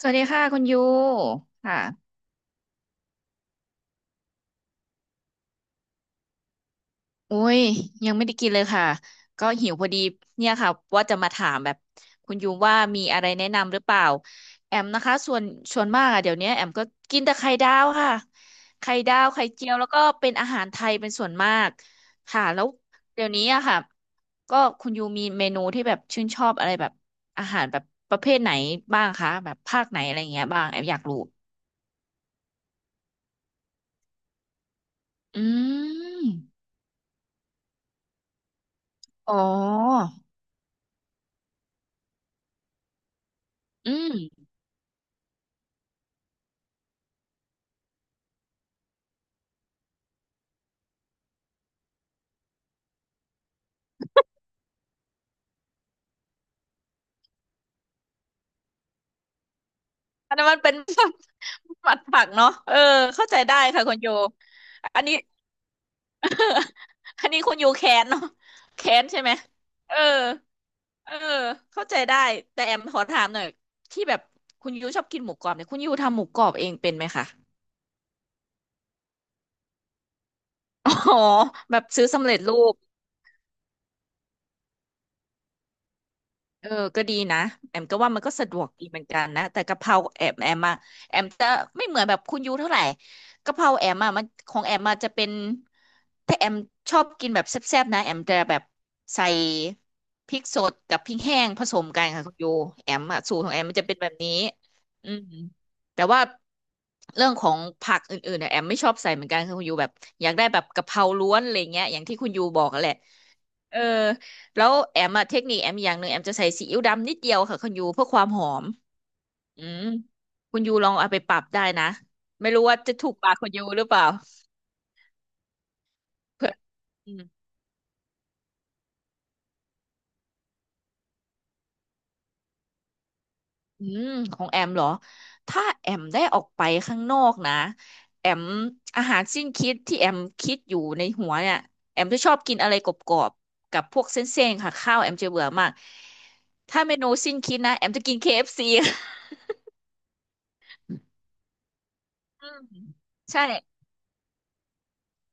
สวัสดีค่ะคุณยูค่ะอุ้ยยังไม่ได้กินเลยค่ะก็หิวพอดีเนี่ยค่ะว่าจะมาถามแบบคุณยูว่ามีอะไรแนะนำหรือเปล่าแอมนะคะส่วนมากอะเดี๋ยวนี้แอมก็กินแต่ไข่ดาวค่ะไข่ดาวไข่เจียวแล้วก็เป็นอาหารไทยเป็นส่วนมากค่ะแล้วเดี๋ยวนี้อะค่ะก็คุณยูมีเมนูที่แบบชื่นชอบอะไรแบบอาหารแบบประเภทไหนบ้างคะแบบภาคไหนอะไรอย่างเงี้ยบ้างแอมอยากรู้อืมอ๋ออืม อันนั้นมันเป็น หมัดผักเนาะเออเข้าใจได้ค่ะคุณโยอันนี้ อันนี้คุณโยแค้นเนาะแค้นใช่ไหม เออเออเข้าใจได้ แต่แอมขอถามหน่อยที่แบบคุณยูชอบกินหมูกรอบเนี่ยคุณยูทำหมูกรอบเองเป็นไหมคะอ๋อ แบบซื้อสำเร็จรูป เออก็ดีนะแอมก็ว่ามันก็สะดวกดีเหมือนกันนะแต่กะเพราแอมอะแอมจะไม่เหมือนแบบคุณยูเท่าไหร่กะเพราแอมอะมันของแอมอะจะเป็นถ้าแอมชอบกินแบบแซ่บๆนะแอมจะแบบใส่พริกสดกับพริกแห้งผสมกันค่ะคุณยูแอมอะสูตรของแอมมันจะเป็นแบบนี้อืมแต่ว่าเรื่องของผักอื่นๆเนี่ยแอมไม่ชอบใส่เหมือนกันค่ะคุณยูแบบอยากได้แบบกะเพราล้วนอะไรเงี้ยอย่างที่คุณยูบอกอะแหละ เออแล้วแอมอะเทคนิคแอมอย่างหนึ่งแอมจะใส่ซีอิ๊วดำนิดเดียวค่ะคุณยูเพื่อความหอมอืมคุณยูลองเอาไปปรับได้นะไม่รู้ว่าจะถูกปากคุณยูหรือเปล่าเพื่ออืมอืมของแอมเหรอถ้าแอมได้ออกไปข้างนอกนะแอมอาหารสิ้นคิดที่แอมคิดอยู่ในหัวเนี่ยแอมจะชอบกินอะไรกรอบๆกับพวกเส้นๆค่ะข้าวแอมจะเบื่อมากถ้าเมนูสิ้นคิดนะแอมจะกินเคเอฟซีอืมใช่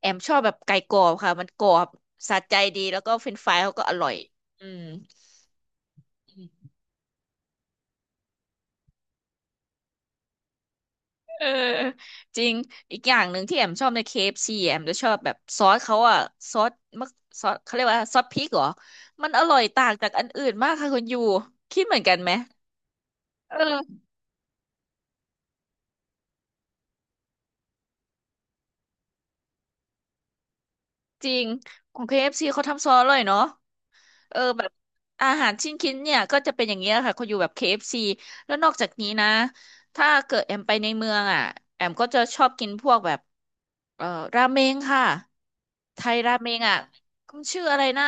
แอมชอบแบบไก่กรอบค่ะมันกรอบสะใจดีแล้วก็เฟรนช์ฟรายเขาก็อร่อย อืมเออจริง อีกอย่างหนึ่งที่แอมชอบใน KFC แอมจะชอบแบบซอสเขาอะซอสมะซอสเขาเรียกว่าซอสพริกเหรอ มันอร่อยต่างจากอันอื่นมากค่ะคุณยูคิดเหมือนกันไหมเออจริงของ KFC เอฟซีเขาทำซอสอร่อยเนาะ เออแบบอาหารชิ้นคินเนี่ยก็จะเป็นอย่างเงี้ยค่ะเขาอยู่แบบ KFC แล้วนอกจากนี้นะถ้าเกิดแอมไปในเมืองอ่ะแอมก็จะชอบกินพวกแบบเอ่อราเมงค่ะไทยราเมงอ่ะมันชื่ออะไรนะ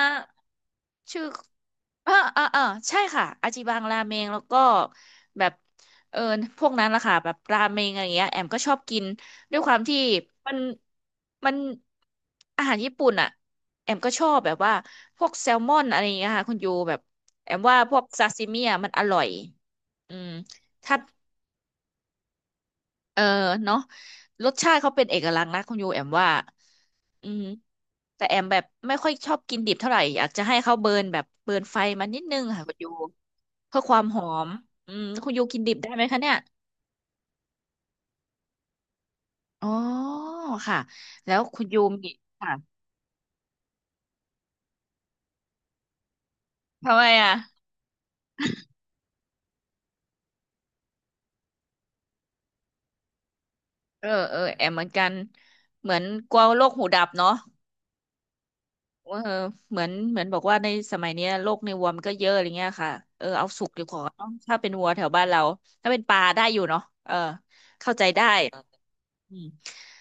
ชื่ออ่าอ่าอ่าใช่ค่ะอาจิบังราเมงแล้วก็แบบเออพวกนั้นล่ะค่ะแบบราเมงอะไรเงี้ยแอมก็ชอบกินด้วยความที่มันมันอาหารญี่ปุ่นอ่ะ แอมก็ชอบแบบว่าพวกแซลมอนอะไรอย่างเงี้ยค่ะคุณยูแบบแอมว่าพวกซาซิมิอ่ะมันอร่อยอืมถ้าเออเนาะรสชาติเขาเป็นเอกลักษณ์นะคุณยูแอมว่าอืมแต่แอมแบบไม่ค่อยชอบกินดิบเท่าไหร่อยากจะให้เขาเบิร์นแบบเบิร์นไฟมานิดนึงค่ะคุณยูเพื่อความหอมอืมคุณยูกินดิบได้ไหมคะเนี่ยอ๋อค่ะแล้วคุณยูมีค่ะทำไมอ่ะเออเออแอมเหมือนกันเหมือนกลัวโรคหูดับเนาะ เออเหมือนเหมือนบอกว่าในสมัยเนี้ยโรคในวัวมันก็เยอะอะไรเงี้ยค่ะเออเอาสุกดีกว่าเนอะถ้าเป็นวัวแถวบ้านเราถ้าเป็นปลาได้อยู่เนาะเออเข้าใจได้อืม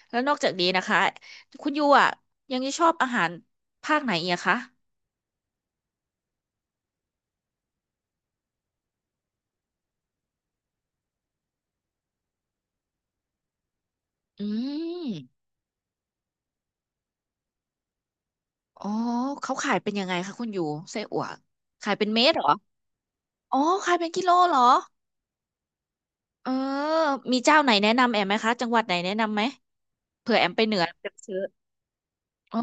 แล้วนอกจากนี้นะคะคุณยูอ่ะยังจะชอบอาหารภาคไหนอีกอะคะอืมอ๋อเขาขายเป็นยังไงคะคุณยูไส้อั่วขายเป็นเม็ดเหรออ๋อขายเป็นกิโลเหรอเออมีเจ้าไหนแนะนำแอมไหมคะจังหวัดไหนแนะนำไหมเผื่อแอมไปเหนือแอมจะไปซื้ออ๋อ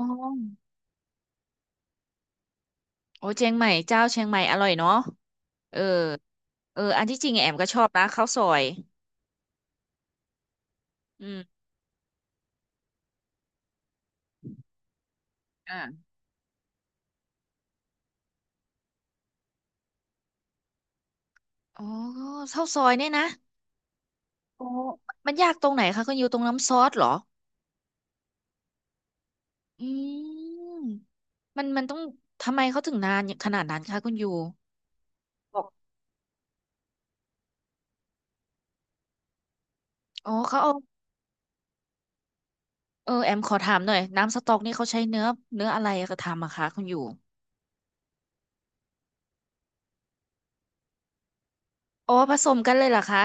โอ้เชียงใหม่เจ้าเชียงใหม่อร่อยเนาะเออเอออันที่จริงแอมก็ชอบนะข้าวซอยอืมอ่าอ๋อข้าวซอยเนี่ยนะโอ้มันยากตรงไหนคะคุณยูตรงน้ำซอสเหรออืมมันมันต้องทำไมเขาถึงนานขนาดนั้นคะคุณยูบอกอ๋อเขาเอาเออแอมขอถามหน่อยน้ำสต๊อกนี่เขาใช้เนื้อเนื้ออะไรกระทำอะคะคุณยูอ๋อผสมกันเลยเหรอคะ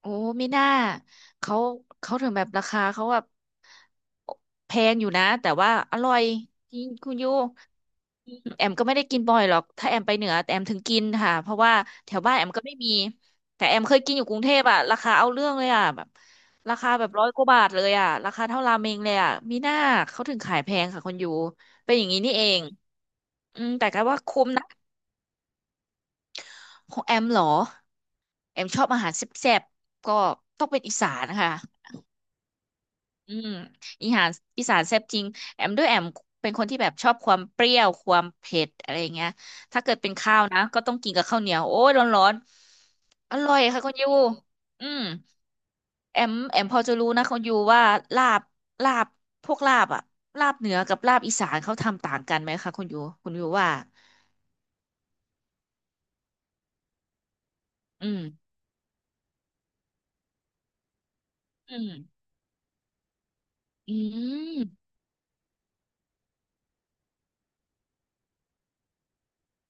โอ้ไม่น่าเขาถึงแบบราคาเขาแบบแพงอยู่นะแต่ว่าอร่อยจริงคุณยูแอมก็ไม่ได้กินบ่อยหรอกถ้าแอมไปเหนือแต่แอมถึงกินค่ะเพราะว่าแถวบ้านแอมก็ไม่มีแต่แอมเคยกินอยู่กรุงเทพอะราคาเอาเรื่องเลยอะแบบราคาแบบร้อยกว่าบาทเลยอะราคาเท่าราเมงเลยอะมีหน้าเขาถึงขายแพงค่ะคุณยูเป็นอย่างนี้นี่เองอืมแต่ก็ว่าคุ้มนะของแอมเหรอแอมชอบอาหารแซ่บๆก็ต้องเป็นอีสานนะคะ อืมอีหานอีสานแซ่บจริงแอมด้วยแอมเป็นคนที่แบบชอบความเปรี้ยวความเผ็ดอะไรเงี้ยถ้าเกิดเป็นข้าวนะก็ต้องกินกับข้าวเหนียวโอ้ยร้อนๆอร่อยค่ะคุณยูอืมแอมพอจะรู้นะคุณยูว่าลาบลาบพวกลาบอะลาบเหนือกับลาบอีสานเขาทำต่างกันไหมคะคุณยูคุณยูว่าอืมอืมอืม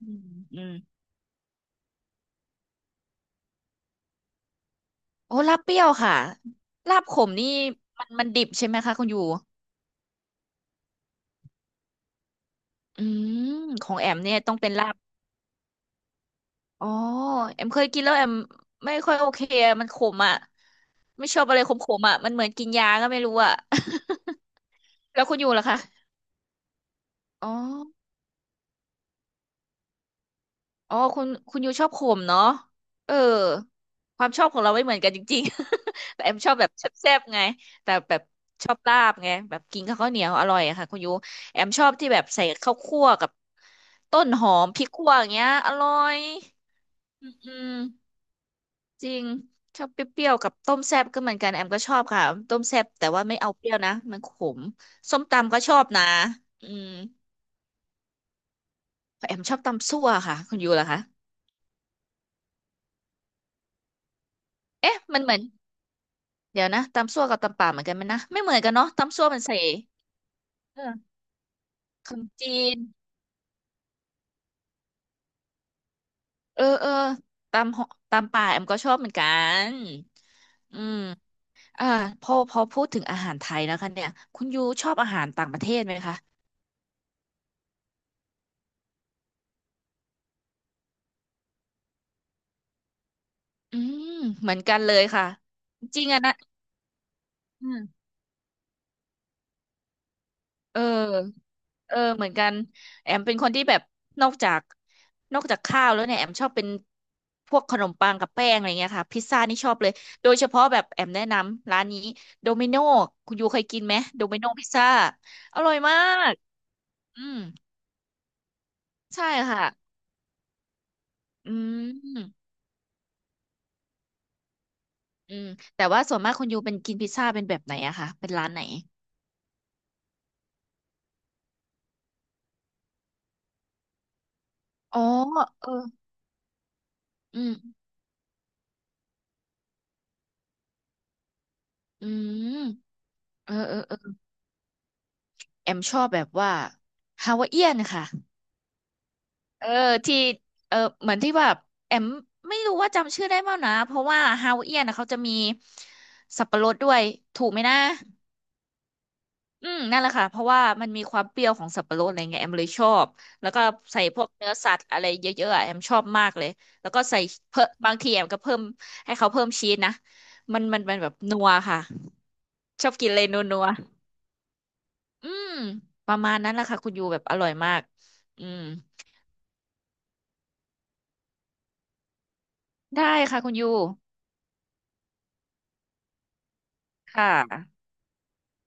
อืมอืมโอ้ลาบเปรี้ยวค่ะลาบขมนี่มันดิบใช่ไหมคะคุณยู อืมของแอมเนี่ยต้องเป็นลาบอ๋อแอมเคยกินแล้วแอมไม่ค่อยโอเคอะมันขมอ่ะไม่ชอบอะไรขมๆอ่ะมันเหมือนกินยาก็ไม่รู้อ่ะ แล้วคุณอยู่ล่ะคะอ๋ออ๋อคุณอยู่ชอบขมเนาะเออความชอบของเราไม่เหมือนกันจริงๆ แต่แอมชอบแบบแซ่บๆไงแต่แบบชอบลาบไงแบบกินกับข้าวเหนียวอร่อยอะค่ะคุณยูแอมชอบที่แบบใส่ข้าวคั่วกับต้นหอมพริกคั่วอย่างเงี้ยอร่อยอืม จริงชอบเปรี้ยวๆกับต้มแซ่บก็เหมือนกันแอมก็ชอบค่ะต้มแซ่บแต่ว่าไม่เอาเปรี้ยวนะมันขมส้มตำก็ชอบนะอืมแอมชอบตำซั่วค่ะคุณยูล่ะคะเอ๊ะมันเหมือนเดี๋ยวนะตำซั่วกับตำป่าเหมือนกันไหมนะไม่เหมือนกันเนาะตำซั่วมันใส่เออขนมจีนเออเออตำหตำป่าแอมก็ชอบเหมือนกันอืมอ่าพอพูดถึงอาหารไทยแล้วคะเนี่ยคุณยูชอบอาหารต่างประเทศไหมคะอืมเหมือนกันเลยค่ะจริงอะนะ เออเออเหมือนกันแอมเป็นคนที่แบบนอกจากข้าวแล้วเนี่ยแอมชอบเป็นพวกขนมปังกับแป้งอะไรเงี้ยค่ะพิซซ่านี่ชอบเลยโดยเฉพาะแบบแอมแนะนำร้านนี้โดมิโนคุณยูเคยกินไหมโดมิโนพิซซ่าอร่อยมากอืมใช่ค่ะอืมอืมแต่ว่าส่วนมากคุณยูเป็นกินพิซซ่าเป็นแบบไหนอะคะเป็นร้านไหนอ๋อเอออืมอืมเออเออแอมชอบแบบว่าฮาวาเอียนค่ะ เออที่เออเหมือนที่แบบแอมไม่รู้ว่าจำชื่อได้เปล่านะเพราะว่าฮาวเอียนนะเขาจะมีสับปะรดด้วยถูกไหมนะอืมนั่นแหละค่ะเพราะว่ามันมีความเปรี้ยวของสับปะรดอะไรเงี้ยแอมเลยชอบแล้วก็ใส่พวกเนื้อสัตว์อะไรเยอะๆอะแอมชอบมากเลยแล้วก็ใส่เพิ่มบางทีแอมก็เพิ่มให้เขาเพิ่มชีสนะมันมันแบบนัวค่ะชอบกินเลยนัวนัวอืมประมาณนั้นแหละค่ะคุณยูแบบอร่อยมากอืมได้ค่ะคุณยูค่ะ